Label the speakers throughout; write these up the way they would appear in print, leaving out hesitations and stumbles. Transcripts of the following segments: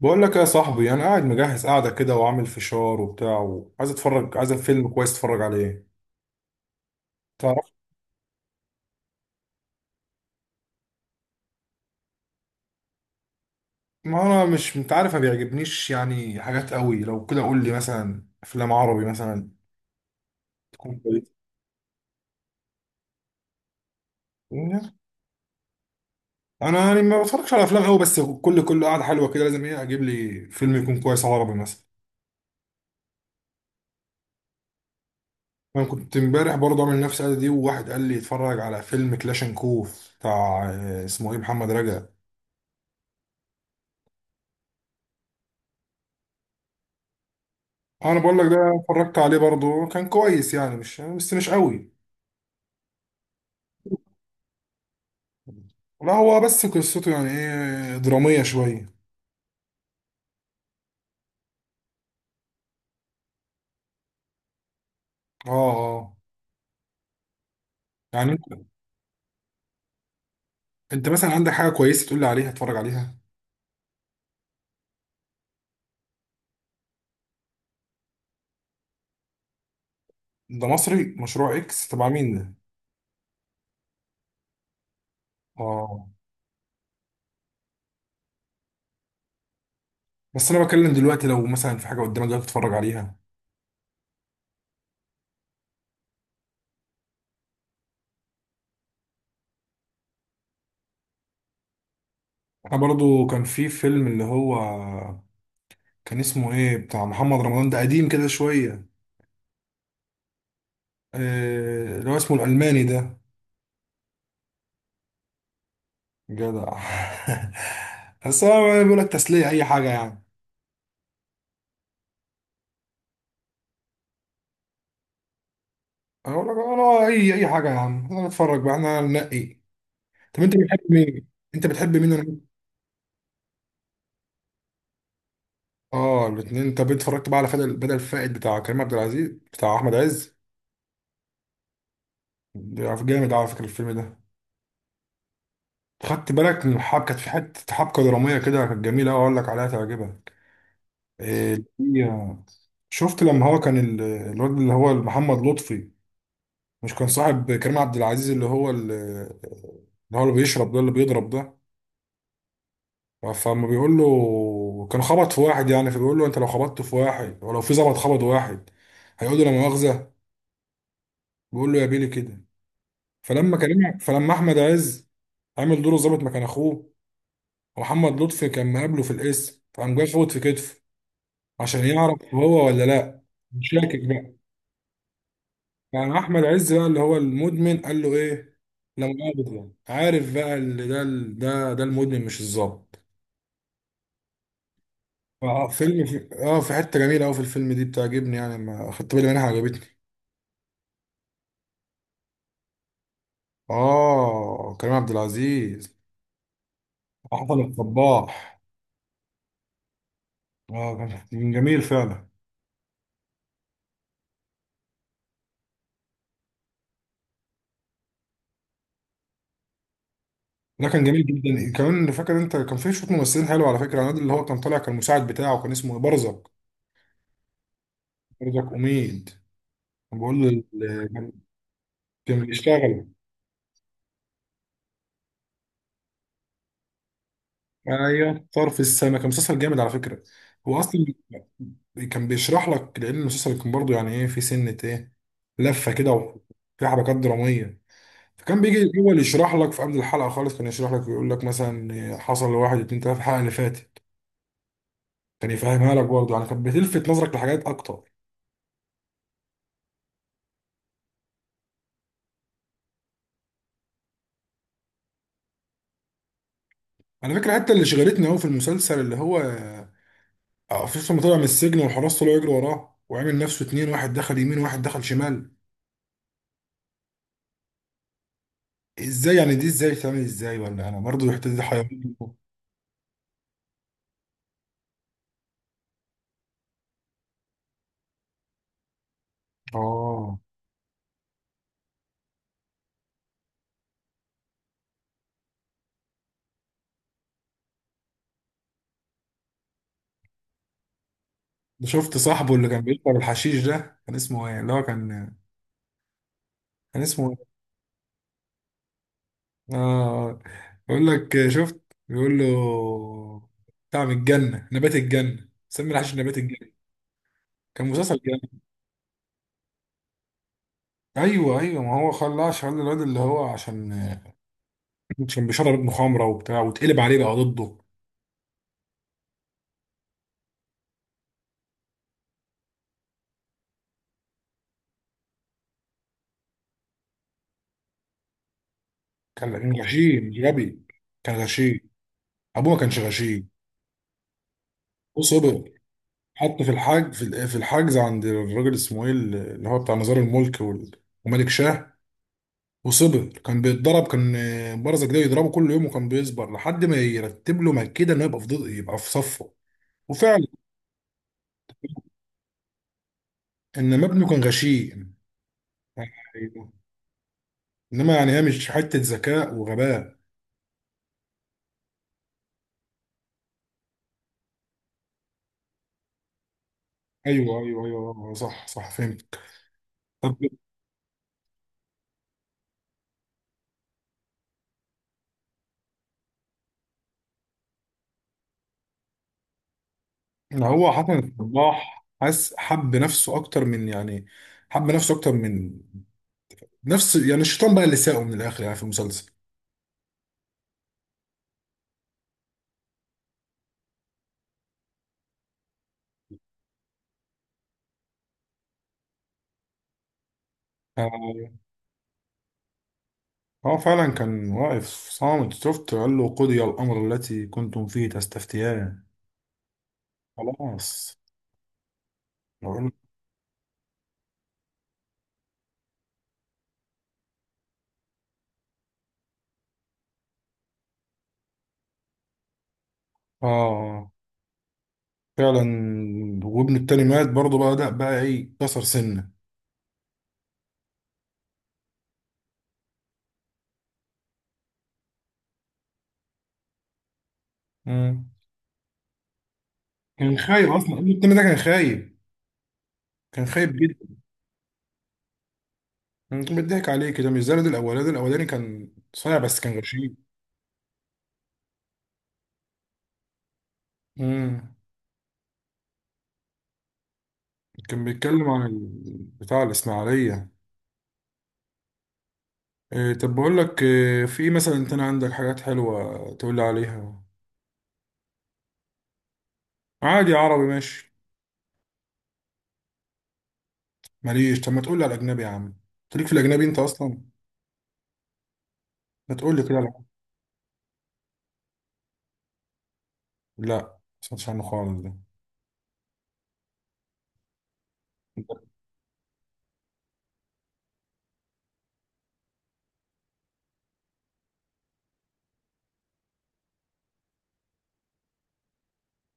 Speaker 1: بقول لك يا صاحبي، انا قاعد مجهز قاعده كده وعامل فشار وبتاع، وعايز اتفرج، عايز فيلم كويس اتفرج عليه. تعرف، ما انا مش انت عارف ما بيعجبنيش يعني حاجات قوي. لو كده قول لي مثلا افلام عربي مثلا تكون كويسه. انا يعني ما بتفرجش على افلام قوي، بس كل قاعده حلوه كده لازم ايه، اجيب لي فيلم يكون كويس، عربي مثلا. انا كنت امبارح برضه عامل نفس القعده دي، وواحد قال لي اتفرج على فيلم كلاشنكوف بتاع اسمه ايه، محمد رجب. انا بقول لك ده اتفرجت عليه برضه، كان كويس يعني، مش بس مش قوي. لا هو بس قصته يعني ايه، درامية شوية. اه اه. يعني انت مثلا عندك حاجة كويسة تقول لي عليها اتفرج عليها؟ ده مصري؟ مشروع اكس تبع مين ده؟ اه. بس انا بتكلم دلوقتي، لو مثلا في حاجة قدامك دلوقتي تتفرج عليها. احنا برضو كان في فيلم اللي هو، كان اسمه ايه بتاع محمد رمضان ده، قديم كده شوية. اللي هو اسمه الألماني ده. جدع. بس هو بيقول لك تسلية أي حاجة يعني. أنا بقول لك أنا أي حاجة يا عم، أنا بتفرج بقى، إحنا ننقي. طب انت بتحب مين؟ انت بتحب مين ولا مين؟ اه الاثنين. طب انت اتفرجت بقى على بدل فائد بتاع كريم عبد العزيز بتاع احمد عز؟ ده جامد على فكره الفيلم ده. خدت بالك من الحبكه؟ كانت في حته حبكه دراميه كده كانت جميله قوي، اقول لك عليها تعجبك. إيه هي- شفت لما هو كان الواد اللي هو محمد لطفي، مش كان صاحب كريم عبد العزيز، اللي هو اللي هو اللي بيشرب ده اللي بيضرب ده. فما بيقول له كان خبط في واحد يعني، فبيقول له انت لو خبطت في واحد ولو في ظبط خبط واحد هيقول له لا مؤاخذة. بيقول له يا بيلي كده. فلما كريم، فلما احمد عز عامل دوره ظابط مكان اخوه، ومحمد لطفي كان مقابله في القسم، فقام جاي فوت في كتفه عشان يعرف هو ولا لا، مش شاكك بقى. فقام احمد عز بقى اللي هو المدمن قال له ايه، لا مؤاخذة. يعني عارف بقى اللي ده، ده المدمن مش الظابط. اه فيلم اه في حته جميله قوي في الفيلم دي بتعجبني يعني، ما خدت بالي منها، عجبتني. اه كريم عبد العزيز. احمد الصباح. اه كان جميل فعلا. ده كان جميل جدا. كمان فاكر انت كان في شويه ممثلين حلو على فكره؟ الواد اللي هو كان طالع كان المساعد بتاعه كان اسمه برزق. برزق اميد. كان بقول له كان، كان بيشتغل. ايوه طرف السما، كان مسلسل جامد على فكره. هو اصلا كان بيشرح لك، لان المسلسل كان برضه يعني ايه، في سنه ايه، لفه كده وفي حركات دراميه. فكان بيجي الاول يشرح لك في قبل الحلقه خالص، كان يشرح لك يقول لك مثلا حصل لواحد اتنين تلاته في الحلقه اللي فاتت، كان يفهمها لك برضه يعني، كانت بتلفت نظرك لحاجات اكتر. على فكره حتى اللي شغلتني قوي في المسلسل اللي هو في لما طلع من السجن والحراس طلعوا يجروا وراه وعامل نفسه اتنين، واحد دخل يمين وواحد دخل شمال. ازاي يعني؟ دي ازاي تعمل ازاي؟ ولا انا برضو رحت، دي حيرتني. اه. ده شفت صاحبه اللي كان بيشرب الحشيش ده كان اسمه ايه، اللي هو كان، كان اسمه ايه؟ اه. آه. بيقول لك شفت، بيقول له بتاع من الجنه، نبات الجنه، سمي الحشيش نبات الجنه. كان مسلسل جامد. ايوه ايوه، ما هو خلاه عشان الواد اللي هو، عشان كان بيشرب مخامره وبتاع واتقلب عليه بقى ضده. كان كان غشيم غبي، كان غشيم. ابوه ما كانش غشيم. وصبر، حط في الحاج في في الحجز عند الراجل اسمه ايه، اللي هو بتاع مزار الملك وال- وملك شاه. وصبر، كان بيتضرب، كان برزة جديد يضربه كل يوم، وكان بيصبر لحد ما يرتب له مكيده انه يبقى في ضد، يبقى في صفه. وفعلا. انما ابنه كان غشيم. أيوة. انما يعني هي مش حته ذكاء وغباء. ايوه ايوه ايوه، صح صح، فهمت. طب هو حسن الصباح حس، حب نفسه اكتر من يعني، حب نفسه اكتر من نفس، يعني الشيطان بقى اللي ساقه من الاخر يعني في المسلسل. آه، هو فعلا كان واقف صامت، شفت، قال له قضي الامر التي كنتم فيه تستفتيان. خلاص. بقول- اه فعلا. وابنه التاني مات برضه بقى، ده بقى ايه، كسر سنه. مم. كان خايب اصلا ابنه التاني ده، كان خايب، كان خايب جدا. مم. كان بيضحك عليه كده، مش زي الولاد الاولاني. الولاد الاولاني كان صايع بس كان غشيم. امم. كان بيتكلم عن بتاع الإسماعيلية. إيه طب بقول لك إيه، في إيه مثلا انت، أنا عندك حاجات حلوة تقول لي عليها؟ عادي عربي ماشي. ماليش، طب ما تقول لي على الأجنبي يا عم. أنت ليك في الأجنبي أنت أصلا؟ ما تقول لي كده على- لا ما سمعتش عنه خالص ده.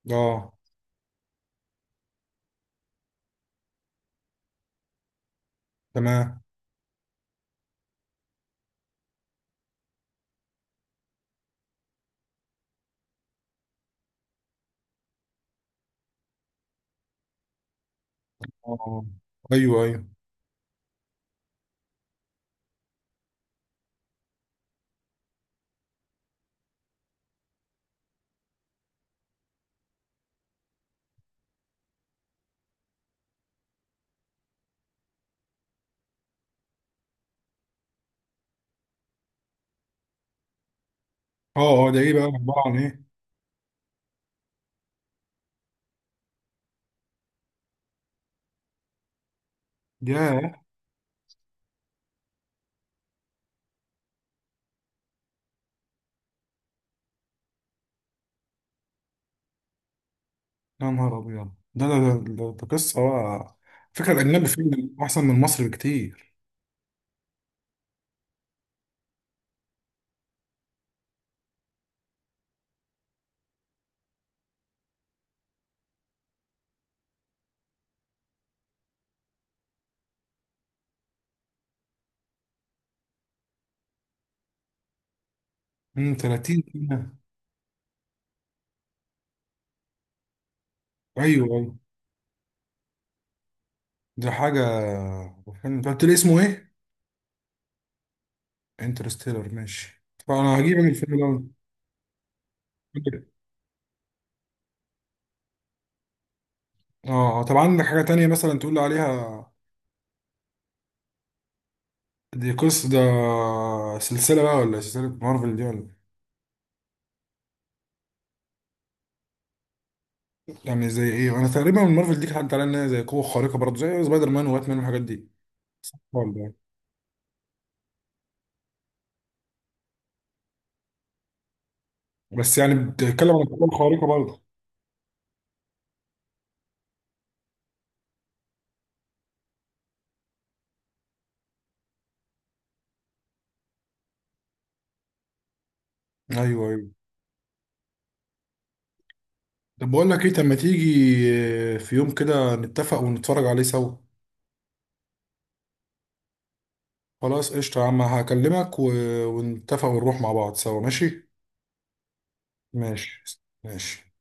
Speaker 1: اه. تمام. اه. ايوه ايوه. اه اه، ده ايه بقى، عبارة عن ايه؟ ياه. يا نهار ابيض، ده ده قصة بقى. فكرة الأجنبي فيه أحسن من مصر بكتير. 30 سنة. أيوه أيوه. ده حاجة. فيلم انت قلت لي اسمه ايه؟ انترستيلر ماشي، طب انا هجيب من الفيلم ده. اه، طب عندك حاجة تانية مثلا تقول لي عليها؟ دي قصة ده، سلسلة بقى ولا سلسلة، مارفل دي ولا؟ يعني زي ايه؟ انا تقريبا من مارفل دي، حد عليها انها زي قوة خارقة برضه، زي سبايدر مان وباتمان والحاجات دي. والله. بس يعني بتتكلم عن القوة الخارقة برضه. ايوه ايوه. طب بقول لك ايه، طب ما تيجي في يوم كده نتفق ونتفرج عليه سوا. خلاص قشطة يا عم، هكلمك ونتفق ونروح مع بعض سوا، ماشي؟ ماشي. ماشي.